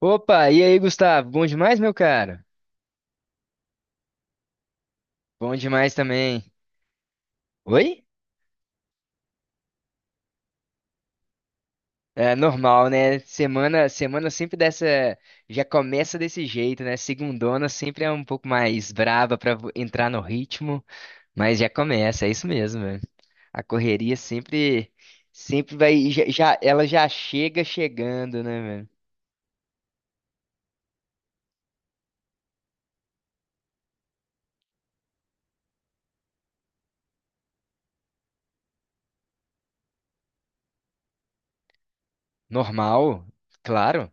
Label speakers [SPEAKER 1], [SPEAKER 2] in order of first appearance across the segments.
[SPEAKER 1] Opa, e aí, Gustavo? Bom demais, meu cara? Bom demais também. Oi? É normal, né? Semana sempre dessa, já começa desse jeito, né? Segundona sempre é um pouco mais braba pra entrar no ritmo, mas já começa, é isso mesmo, velho. A correria sempre, sempre vai, ela já chega chegando, né, velho? Normal, claro.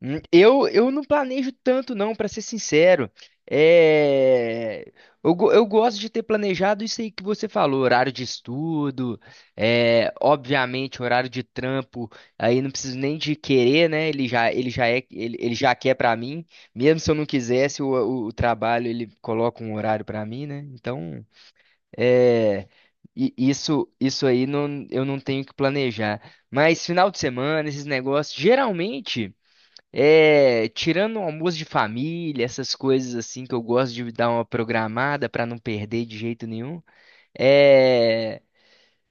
[SPEAKER 1] Eu não planejo tanto, não, pra ser sincero. É, eu, eu gosto de ter planejado isso aí que você falou, horário de estudo, obviamente horário de trampo, aí não preciso nem de querer, né? Ele já quer pra mim, mesmo se eu não quisesse, o trabalho ele coloca um horário pra mim, né? Então, é, isso aí não, eu não tenho que planejar. Mas final de semana, esses negócios, geralmente. É, tirando o almoço de família, essas coisas assim que eu gosto de dar uma programada pra não perder de jeito nenhum. É,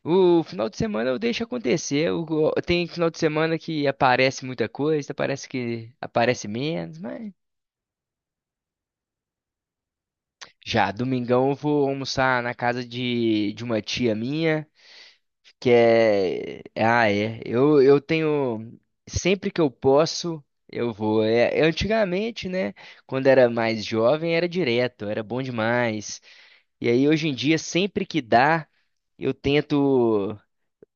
[SPEAKER 1] o final de semana eu deixo acontecer. Eu tem final de semana que aparece muita coisa, parece que aparece menos, mas já domingão eu vou almoçar na casa de uma tia minha. Que é. Ah, é. Eu tenho. Sempre que eu posso, eu vou. É, é, antigamente, né? Quando era mais jovem, era direto, era bom demais. E aí, hoje em dia, sempre que dá, eu tento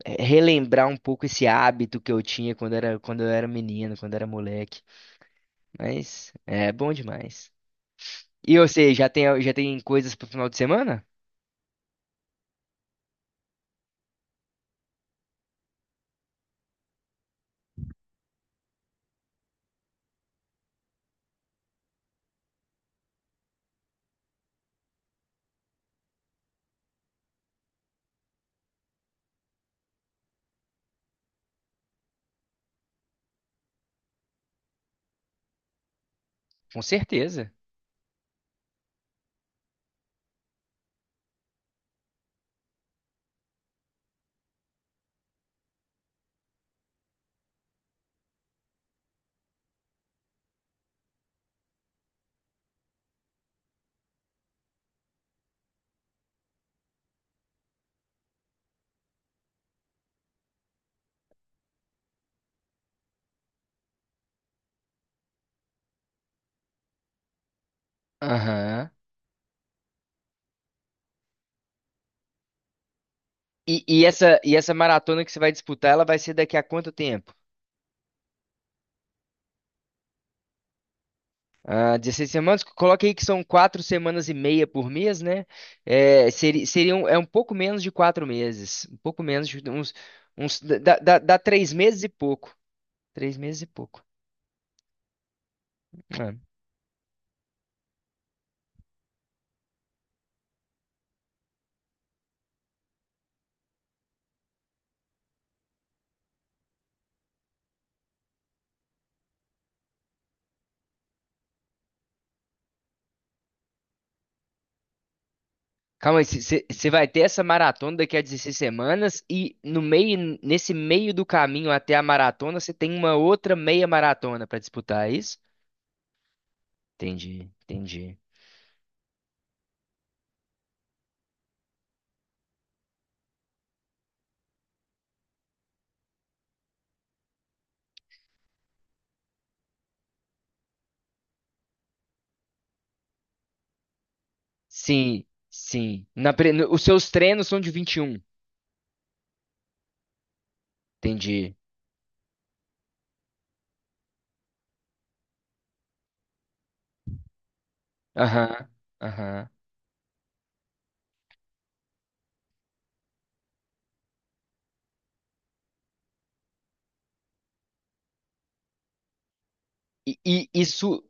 [SPEAKER 1] relembrar um pouco esse hábito que eu tinha quando era, quando eu era menino, quando era moleque. Mas é bom demais. E você, já tem coisas pro final de semana? Com certeza. Aham. E, e essa maratona que você vai disputar, ela vai ser daqui a quanto tempo? Ah, 16 semanas? Coloca aí que são quatro semanas e meia por mês, né? É, seriam, é um pouco menos de quatro meses. Um pouco menos de uns, uns dá três meses e pouco. Três meses e pouco. É. Calma aí, você vai ter essa maratona daqui a 16 semanas e no meio, nesse meio do caminho até a maratona, você tem uma outra meia maratona para disputar, é isso? Entendi, entendi. Sim, sim. Na Os seus treinos são de 21. Entendi. Aham, aham. E, e, e, su-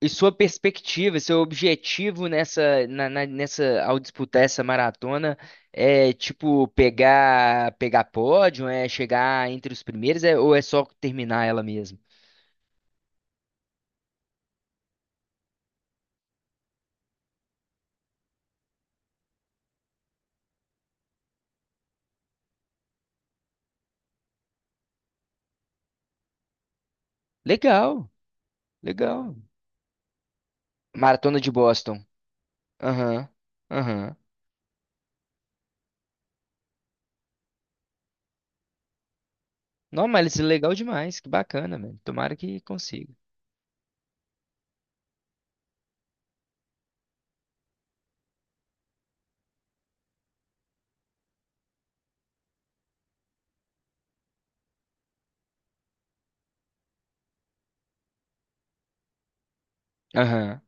[SPEAKER 1] e sua perspectiva, seu objetivo nessa, ao disputar essa maratona é tipo pegar, pegar pódio, é chegar entre os primeiros, é, ou é só terminar ela mesmo? Legal, legal. Maratona de Boston. Aham, aham. Não, mas isso é legal demais, que bacana, velho. Tomara que consiga. Aham.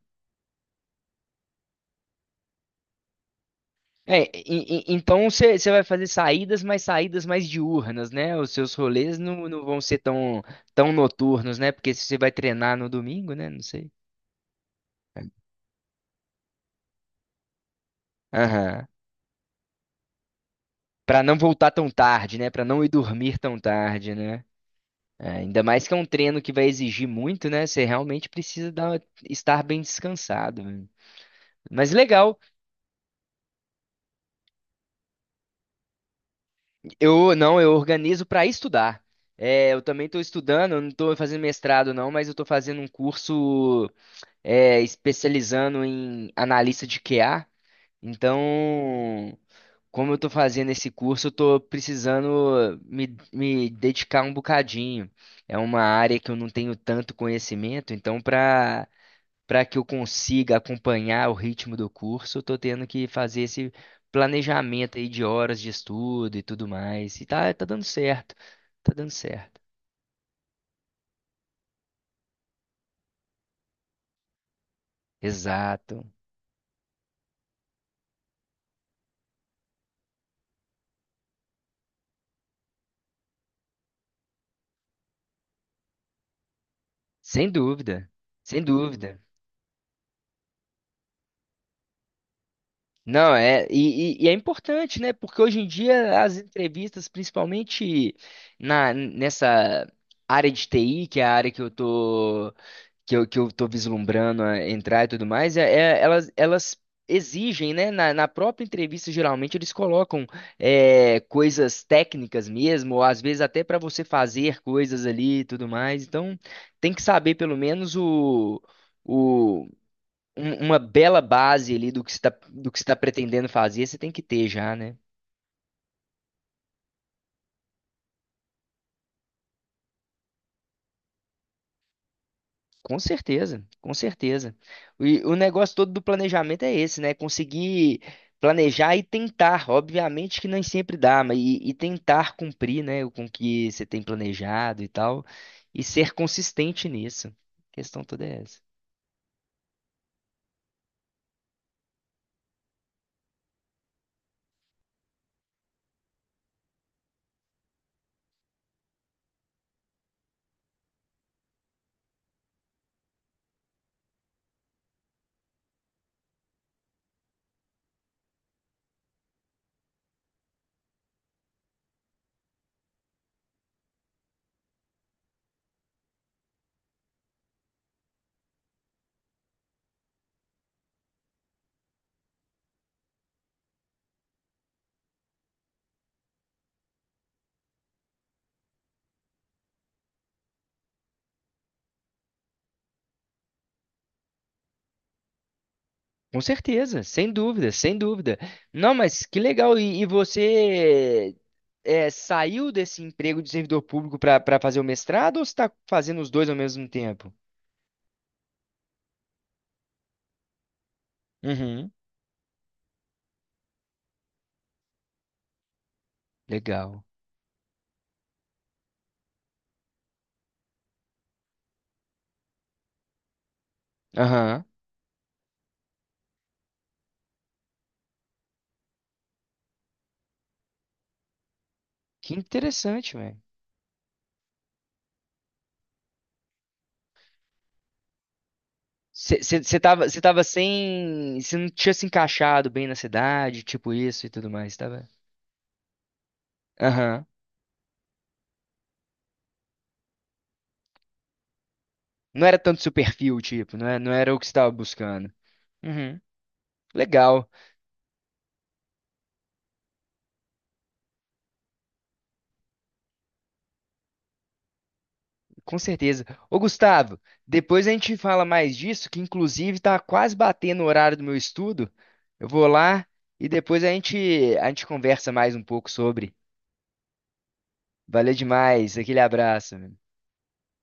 [SPEAKER 1] É, então você vai fazer saídas, mas saídas mais diurnas, né? Os seus rolês não, não vão ser tão, tão noturnos, né? Porque se você vai treinar no domingo, né? Não sei. Aham. Pra não voltar tão tarde, né? Pra não ir dormir tão tarde, né? É, ainda mais que é um treino que vai exigir muito, né? Você realmente precisa estar bem descansado. Né? Mas legal. Eu não, eu organizo pra estudar. É, eu também estou estudando, eu não estou fazendo mestrado não, mas eu estou fazendo um curso especializando em analista de QA. Então, como eu estou fazendo esse curso, eu estou precisando me dedicar um bocadinho. É uma área que eu não tenho tanto conhecimento, então para que eu consiga acompanhar o ritmo do curso, eu estou tendo que fazer esse planejamento aí de horas de estudo e tudo mais. E tá, tá dando certo, tá dando certo. Exato. Sem dúvida, sem dúvida. Não, é, e é importante, né? Porque hoje em dia as entrevistas, principalmente na, nessa área de TI, que é a área que eu tô vislumbrando a entrar e tudo mais, é, elas, elas exigem, né? Na, na própria entrevista, geralmente, eles colocam coisas técnicas mesmo, ou às vezes até para você fazer coisas ali e tudo mais. Então, tem que saber pelo menos o uma bela base ali do que você está do que você tá pretendendo fazer, você tem que ter já, né? Com certeza, com certeza. E o negócio todo do planejamento é esse, né? Conseguir planejar e tentar. Obviamente que nem sempre dá, mas e tentar cumprir, né, com o que você tem planejado e tal, e ser consistente nisso. A questão toda é essa. Com certeza, sem dúvida, sem dúvida. Não, mas que legal. E você é, saiu desse emprego de servidor público para fazer o mestrado ou você está fazendo os dois ao mesmo tempo? Uhum. Legal. Aham. Que interessante, velho. Você tava sem. Você não tinha se encaixado bem na cidade, tipo isso e tudo mais, tava? Aham. Não era tanto seu perfil, tipo, não era o que você estava buscando. Uhum. Legal. Com certeza. Ô, Gustavo, depois a gente fala mais disso, que inclusive tá quase batendo o horário do meu estudo. Eu vou lá e depois a gente conversa mais um pouco sobre. Valeu demais. Aquele abraço. Meu.